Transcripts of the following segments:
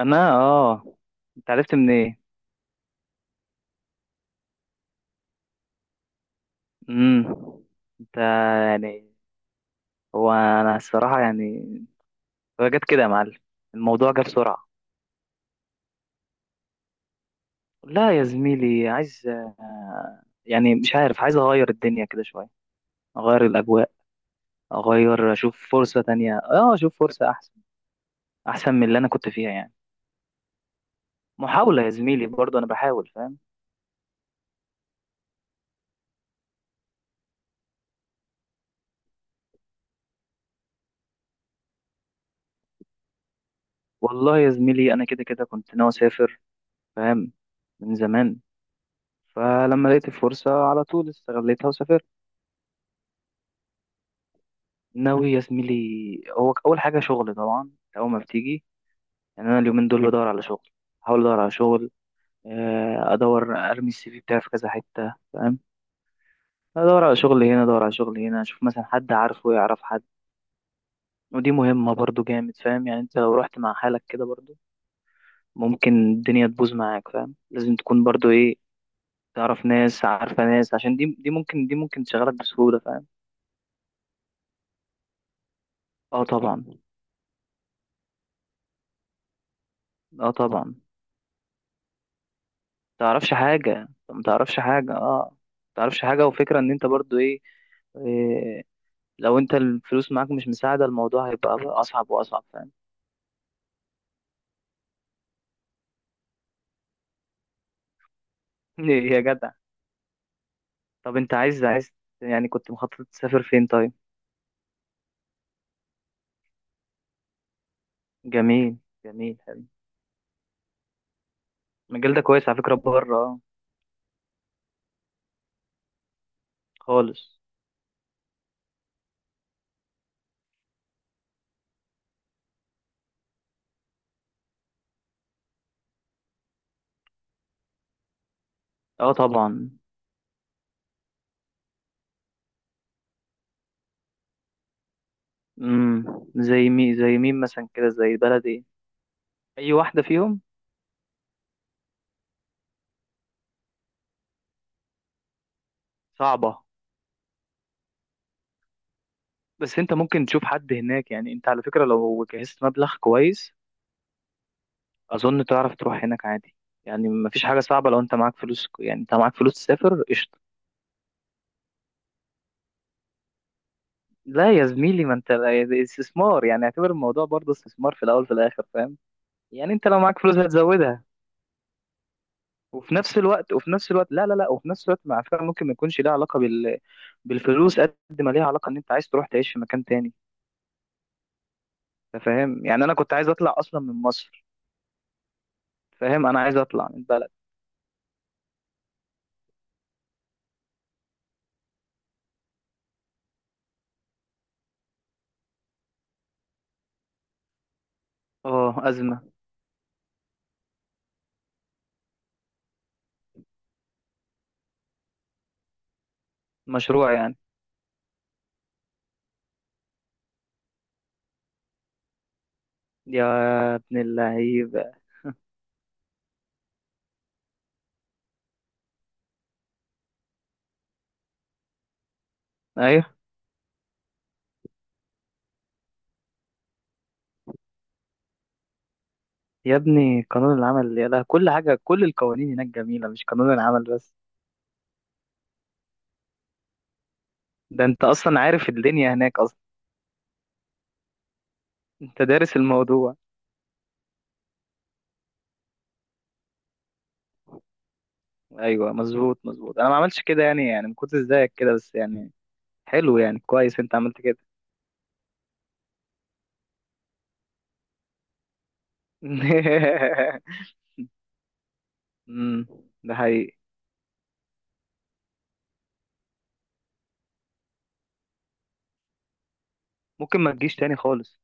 انا، اه. انت عرفت منين إيه؟ امم. انت يعني، هو انا الصراحه، يعني هو جت كده يا معلم. الموضوع جه بسرعه. لا يا زميلي، عايز يعني مش عارف، عايز اغير الدنيا كده شويه، اغير الاجواء، اشوف فرصه تانية، اشوف فرصه احسن، احسن من اللي انا كنت فيها يعني. محاوله يا زميلي، برضه انا بحاول، فاهم. والله يا زميلي، انا كده كده كنت ناوي اسافر، فاهم، من زمان، فلما لقيت الفرصه على طول استغليتها وسافرت. ناوي يا زميلي، هو اول حاجه شغل طبعا، اول ما بتيجي. يعني انا اليومين دول بدور على شغل، احاول ادور على شغل، ارمي CV بتاعي في كذا حته، فاهم. ادور على شغل هنا، ادور على شغل هنا، اشوف مثلا حد عارفه يعرف حد. ودي مهمه برضو جامد، فاهم. يعني انت لو رحت مع حالك كده برضو، ممكن الدنيا تبوظ معاك، فاهم. لازم تكون برضو ايه، تعرف ناس عارفه ناس، عشان دي ممكن تشغلك بسهوله، فاهم. اه طبعا. اه طبعا. تعرفش حاجة انت ما تعرفش حاجة، اه. ما تعرفش حاجة، وفكرة ان انت برضو ايه, إيه لو انت الفلوس معاك مش مساعدة، الموضوع هيبقى اصعب واصعب، فاهم. يا جدع. طب انت عايز، يعني كنت مخطط تسافر فين، طيب. جميل. جميل، حلو. المجال ده كويس على فكرة، بره خالص. اه طبعا. امم. زي مين، مثلا كده، زي بلد ايه. اي واحدة فيهم. صعبة. بس انت ممكن تشوف حد هناك، يعني انت على فكرة لو جهزت مبلغ كويس، اظن تعرف تروح هناك عادي. يعني مفيش حاجه صعبه، لو انت معاك فلوس، يعني انت معاك فلوس تسافر قشطه. لا يا زميلي، ما انت ده استثمار، يعني اعتبر الموضوع برضه استثمار، في الاول في الاخر، فاهم. يعني انت لو معاك فلوس هتزودها. وفي نفس الوقت، لا لا لا، وفي نفس الوقت مع فكره، ممكن ما يكونش ليها علاقه بالفلوس، قد ما ليها علاقه ان انت عايز تروح تعيش في مكان تاني. انت فاهم، يعني انا كنت عايز اطلع اصلا من مصر، فاهم، انا عايز اطلع من البلد. اه، ازمه. مشروع يعني. يا ابن اللعيبه. ايوه. يا ابني، قانون العمل يا ده كل حاجة، كل القوانين هناك جميلة، مش قانون العمل بس. ده انت اصلا عارف الدنيا هناك اصلا. انت دارس الموضوع. ايوه مظبوط مظبوط، انا ما عملتش كده، يعني ما كنتش زيك كده بس، يعني. حلو يعني، كويس انت عملت كده. امم. ده حقيقي. ممكن ما تجيش تاني خالص.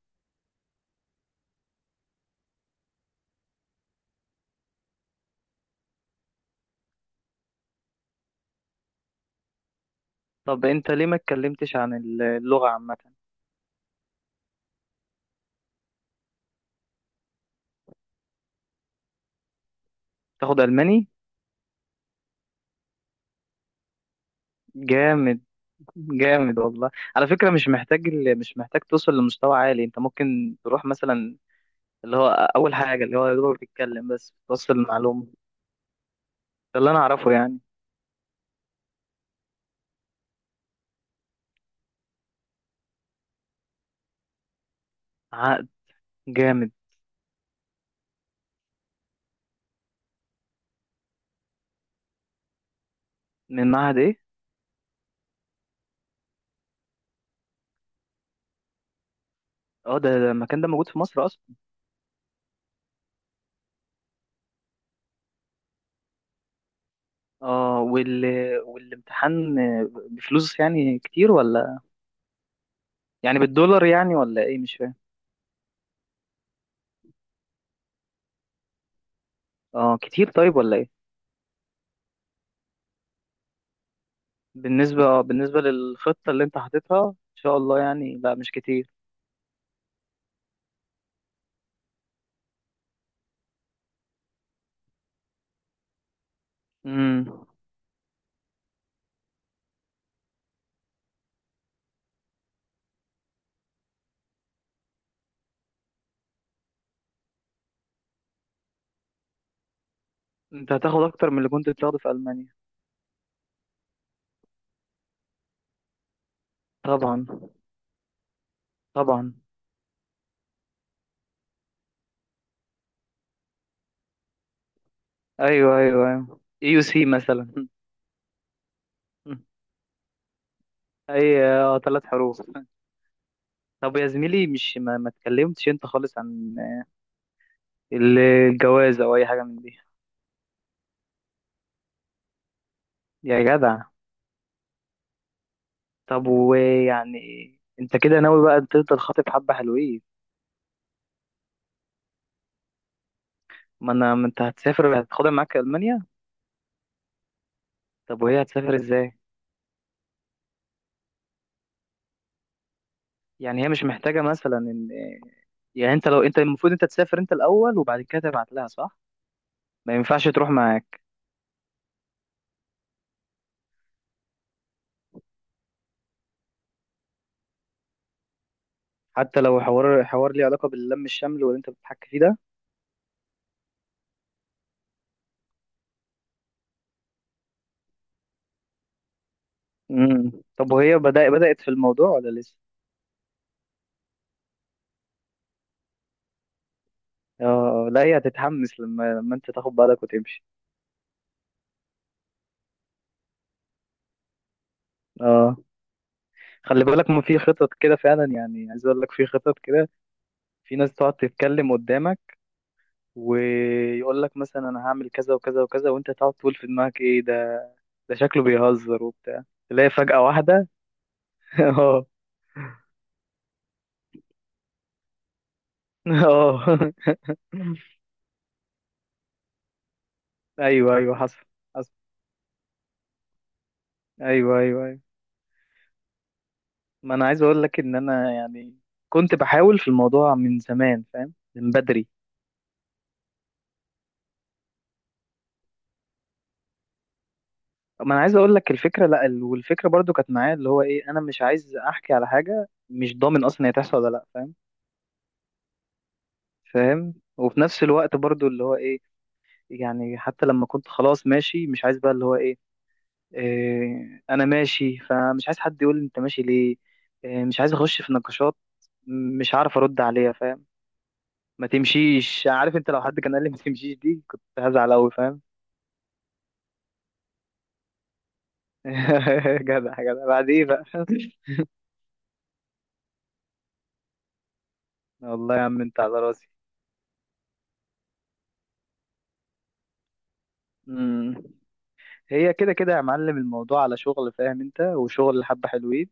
طب انت ليه ما اتكلمتش عن اللغة عامة. تاخد الماني. جامد، جامد والله. على فكرة، مش محتاج توصل لمستوى عالي، انت ممكن تروح مثلا اللي هو اول حاجه، اللي هو يا دوبك بتتكلم بس بتوصل المعلومه، ده اللي انا اعرفه يعني. عقد. جامد. من معهد ايه. اه، ده المكان ده موجود في مصر اصلا. اه، والامتحان بفلوس يعني كتير ولا؟ يعني بالدولار يعني ولا ايه، مش فاهم. اه كتير، طيب ولا ايه. بالنسبه للخطه اللي انت حاططها ان شاء الله يعني، لا مش كتير. امم. انت هتاخد اكتر من اللي كنت بتاخده في المانيا. طبعا. طبعا. ايوه ايوه ايوه، AUC مثلا. اي، ثلاث حروف. طب يا زميلي، مش ما اتكلمتش انت خالص عن الجواز او اي حاجه من دي. يا جدع. طب ويعني، انت كده ناوي بقى تفضل خاطب حبه حلوين. ما انت هتسافر هتاخدها معاك المانيا. طب وهي هتسافر ازاي. يعني هي مش محتاجه مثلا ان. يعني لو انت المفروض انت تسافر انت الاول، وبعد كده تبعت لها، صح. ما ينفعش تروح معاك. حتى لو حوار، ليه علاقه باللم الشمل واللي انت بتحكي فيه ده. امم، طب وهي بدأت في الموضوع ولا لسه؟ اه لا، هي هتتحمس لما انت تاخد بالك وتمشي. اه، خلي بالك، ما في خطط كده فعلا، يعني عايز اقول لك في خطط كده. في ناس تقعد تتكلم قدامك، ويقول لك مثلا انا هعمل كذا وكذا وكذا، وانت تقعد تقول في دماغك ايه ده، ده شكله بيهزر وبتاع. تلاقي فجأة واحدة. اه. اه. ايوه ايوه، حصل. حصل. ايوه ايوه ايوه. ما انا عايز اقول لك ان انا يعني كنت بحاول في الموضوع من زمان، فاهم، من بدري. ما انا عايز اقول لك الفكره، لا والفكره برضو كانت معايا، اللي هو ايه، انا مش عايز احكي على حاجه مش ضامن اصلا هي تحصل ولا لا، فاهم. فاهم، وفي نفس الوقت برضو اللي هو ايه، يعني حتى لما كنت خلاص ماشي، مش عايز بقى اللي هو ايه, إيه، انا ماشي فمش عايز حد يقول لي انت ماشي ليه، إيه، مش عايز اخش في نقاشات، مش عارف ارد عليها، فاهم. ما تمشيش، عارف، انت لو حد كان قال لي ما تمشيش دي كنت هزعل قوي، فاهم. جدع جدع، بعد ايه بقى والله يا عم، انت على راسي. مم. هي كده كده يا معلم، الموضوع على شغل، فاهم، انت وشغل حبة حلوين،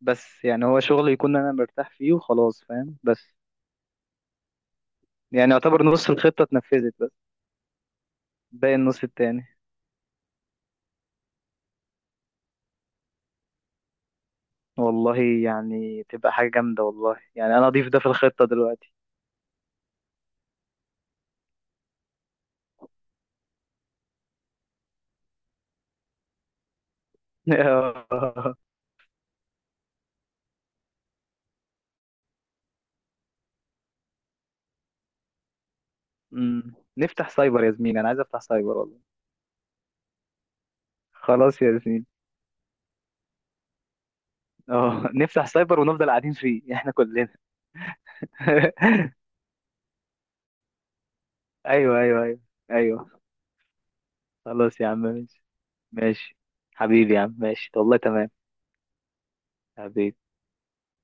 بس يعني هو شغل يكون انا مرتاح فيه وخلاص، فاهم، بس. يعني يعتبر نص الخطة اتنفذت بس، باقي النص التاني. والله يعني تبقى حاجة جامدة، والله يعني انا اضيف ده في الخطة دلوقتي. أمم. نفتح سايبر يا زميلي، انا عايز افتح سايبر والله. خلاص يا زميلي، اه نفتح سايبر ونفضل قاعدين فيه احنا كلنا. ايوه ايوه ايوه. ايوه. خلاص يا عم، ماشي. ماشي. حبيبي يا عم، ماشي والله، تمام. أبي.